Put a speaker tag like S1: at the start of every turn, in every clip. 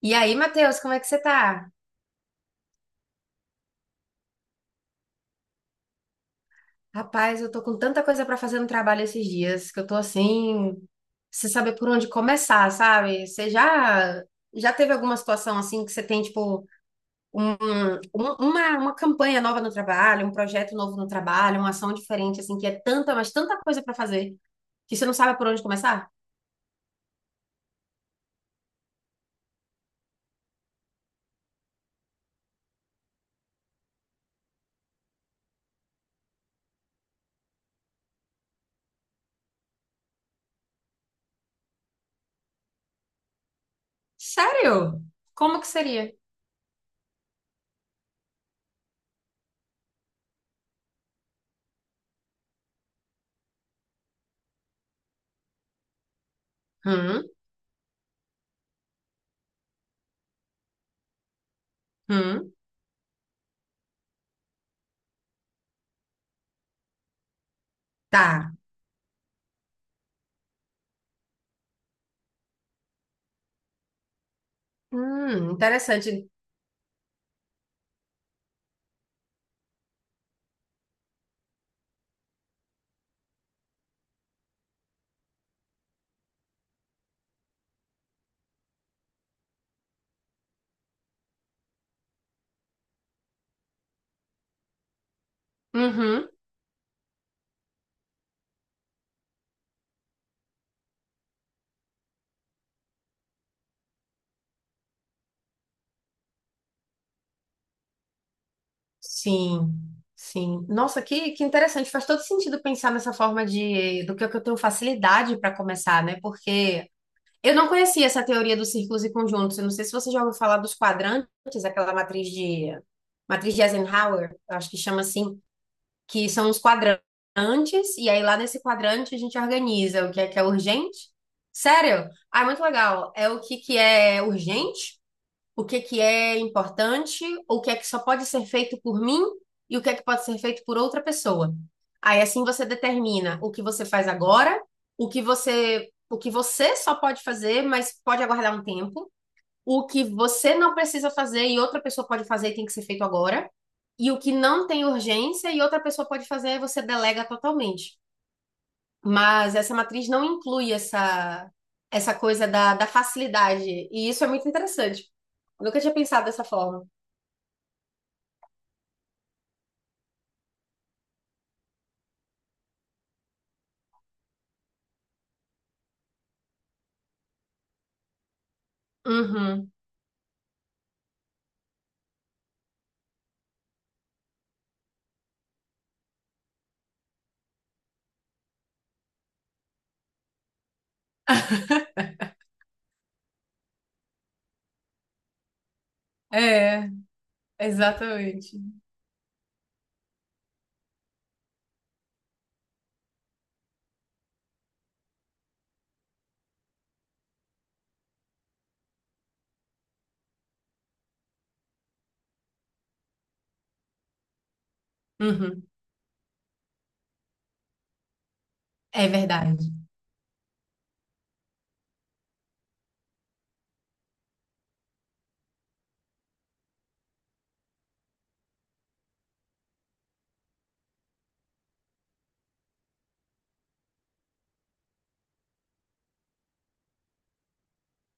S1: E aí, Matheus, como é que você tá? Rapaz, eu tô com tanta coisa pra fazer no trabalho esses dias que eu tô assim, sem saber por onde começar, sabe? Você já teve alguma situação assim que você tem tipo um- uma campanha nova no trabalho, um projeto novo no trabalho, uma ação diferente assim que é tanta, mas tanta coisa pra fazer que você não sabe por onde começar? Sério? Como que seria? Hum, hum, tá. Interessante. Uhum. Sim, sim. Nossa, que interessante. Faz todo sentido pensar nessa forma de do que eu tenho facilidade para começar, né? Porque eu não conhecia essa teoria dos círculos e conjuntos. Eu não sei se você já ouviu falar dos quadrantes, aquela matriz de Eisenhower, eu acho que chama assim, que são os quadrantes, e aí lá nesse quadrante a gente organiza o que é urgente. Sério? Ah, é muito legal. É o que que é urgente? O que que é importante, o que é que só pode ser feito por mim e o que é que pode ser feito por outra pessoa. Aí assim você determina o que você faz agora, o que você só pode fazer, mas pode aguardar um tempo, o que você não precisa fazer e outra pessoa pode fazer e tem que ser feito agora, e o que não tem urgência e outra pessoa pode fazer, aí você delega totalmente. Mas essa matriz não inclui essa coisa da facilidade. E isso é muito interessante. Eu nunca tinha pensado dessa forma. Uhum. É, exatamente. Uhum. É verdade.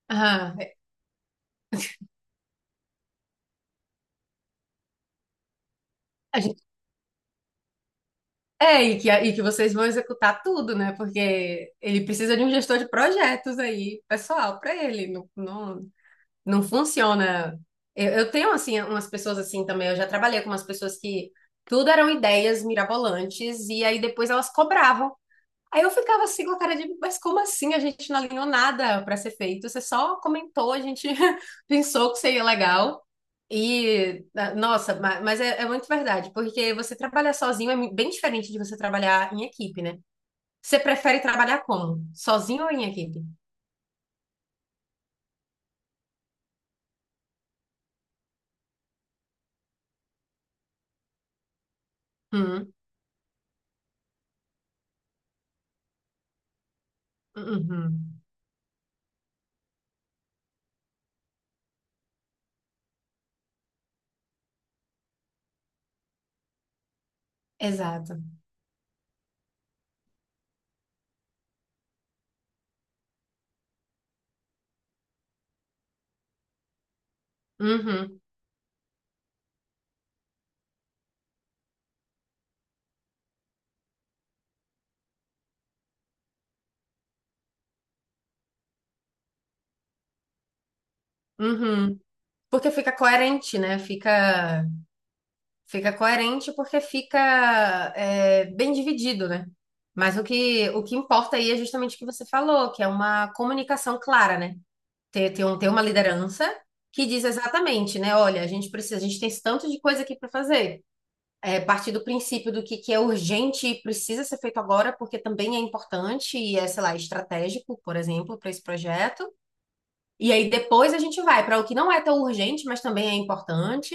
S1: Ah, é, a gente- é, e que vocês vão executar tudo, né? Porque ele precisa de um gestor de projetos aí, pessoal, para ele. Não, não, não funciona. Eu tenho, assim, umas pessoas assim também. Eu já trabalhei com umas pessoas que tudo eram ideias mirabolantes e aí depois elas cobravam. Aí eu ficava assim com a cara de, mas como assim? A gente não alinhou nada para ser feito. Você só comentou, a gente pensou que seria legal. E, ah, nossa, mas é, é muito verdade, porque você trabalhar sozinho é bem diferente de você trabalhar em equipe, né? Você prefere trabalhar como? Sozinho ou em equipe? Hum, uhum, exato. Uhum. Uhum. Porque fica coerente, né? Fica, fica coerente porque fica é, bem dividido, né? Mas o que importa aí é justamente o que você falou, que é uma comunicação clara, né? Ter uma liderança que diz exatamente, né? Olha, a gente precisa, a gente tem esse tanto de coisa aqui para fazer. É, partir do princípio do que é urgente e precisa ser feito agora, porque também é importante e é, sei lá, estratégico, por exemplo, para esse projeto. E aí depois a gente vai para o que não é tão urgente, mas também é importante.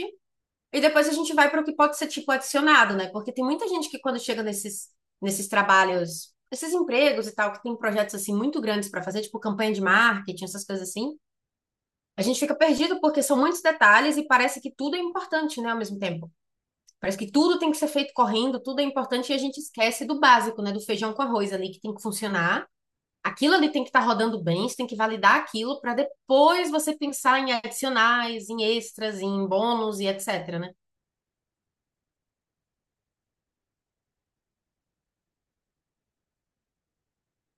S1: E depois a gente vai para o que pode ser tipo adicionado, né? Porque tem muita gente que quando chega nesses trabalhos, esses empregos e tal, que tem projetos assim muito grandes para fazer, tipo campanha de marketing, essas coisas assim, a gente fica perdido porque são muitos detalhes e parece que tudo é importante, né, ao mesmo tempo. Parece que tudo tem que ser feito correndo, tudo é importante e a gente esquece do básico, né, do feijão com arroz ali que tem que funcionar. Aquilo ali tem que estar rodando bem, você tem que validar aquilo para depois você pensar em adicionais, em extras, em bônus e etc, né?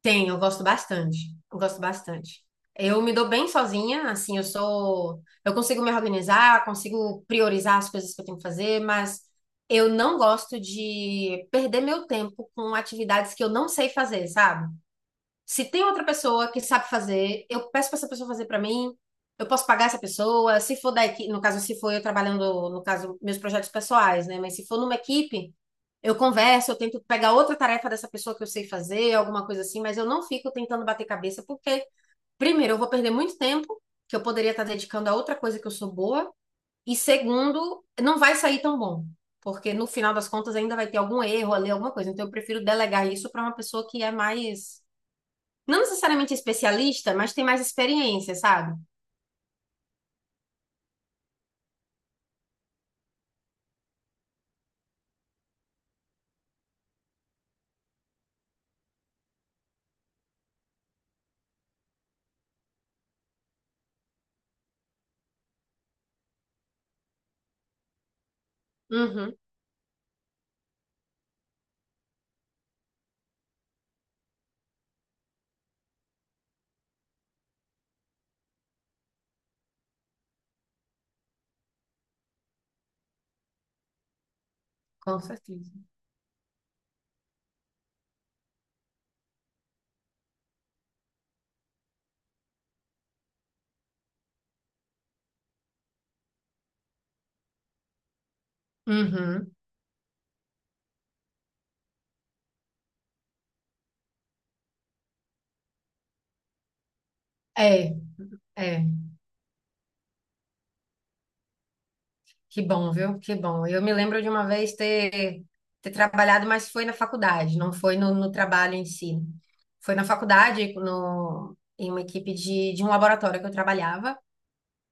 S1: Tem, eu gosto bastante. Eu gosto bastante. Eu me dou bem sozinha, assim, eu sou, eu consigo me organizar, consigo priorizar as coisas que eu tenho que fazer, mas eu não gosto de perder meu tempo com atividades que eu não sei fazer, sabe? Se tem outra pessoa que sabe fazer, eu peço para essa pessoa fazer para mim. Eu posso pagar essa pessoa. Se for da equipe, no caso, se for eu trabalhando, no caso, meus projetos pessoais, né? Mas se for numa equipe, eu converso, eu tento pegar outra tarefa dessa pessoa que eu sei fazer, alguma coisa assim, mas eu não fico tentando bater cabeça, porque, primeiro, eu vou perder muito tempo, que eu poderia estar dedicando a outra coisa que eu sou boa, e segundo, não vai sair tão bom, porque no final das contas ainda vai ter algum erro ali, alguma coisa. Então, eu prefiro delegar isso para uma pessoa que é mais não necessariamente especialista, mas tem mais experiência, sabe? Uhum, com certeza. Uhum. É, é. Que bom, viu? Que bom. Eu me lembro de uma vez ter trabalhado, mas foi na faculdade, não foi no, no trabalho em si. Foi na faculdade, no, em uma equipe de um laboratório que eu trabalhava.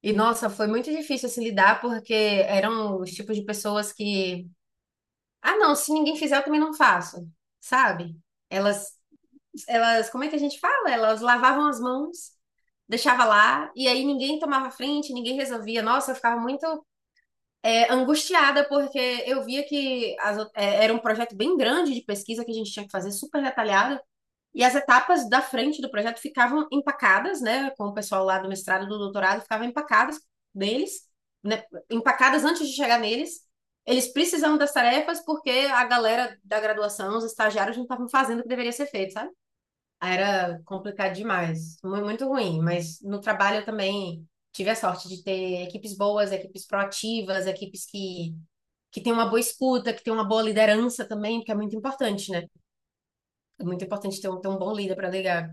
S1: E, nossa, foi muito difícil assim lidar, porque eram os tipos de pessoas que, ah, não, se ninguém fizer, eu também não faço, sabe? Elas elas, como é que a gente fala? Elas lavavam as mãos, deixava lá, e aí ninguém tomava frente, ninguém resolvia. Nossa, eu ficava muito é, angustiada, porque eu via que é, era um projeto bem grande de pesquisa que a gente tinha que fazer, super detalhado, e as etapas da frente do projeto ficavam empacadas, né, com o pessoal lá do mestrado, do doutorado, ficavam empacadas deles, né, empacadas antes de chegar neles. Eles precisavam das tarefas porque a galera da graduação, os estagiários, não estavam fazendo o que deveria ser feito, sabe? Era complicado demais, muito ruim, mas no trabalho eu também tive a sorte de ter equipes boas, equipes proativas, equipes que têm uma boa escuta, que têm uma boa liderança também, porque é muito importante, né? É muito importante ter um bom líder para ligar.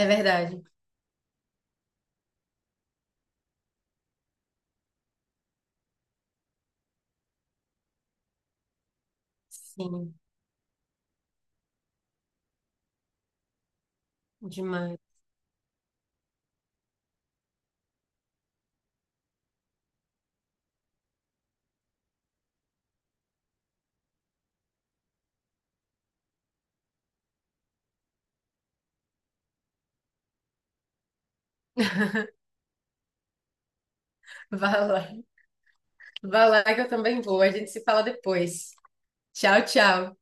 S1: É verdade. Sim, demais. Vai lá, vai lá que eu também vou. A gente se fala depois. Tchau, tchau.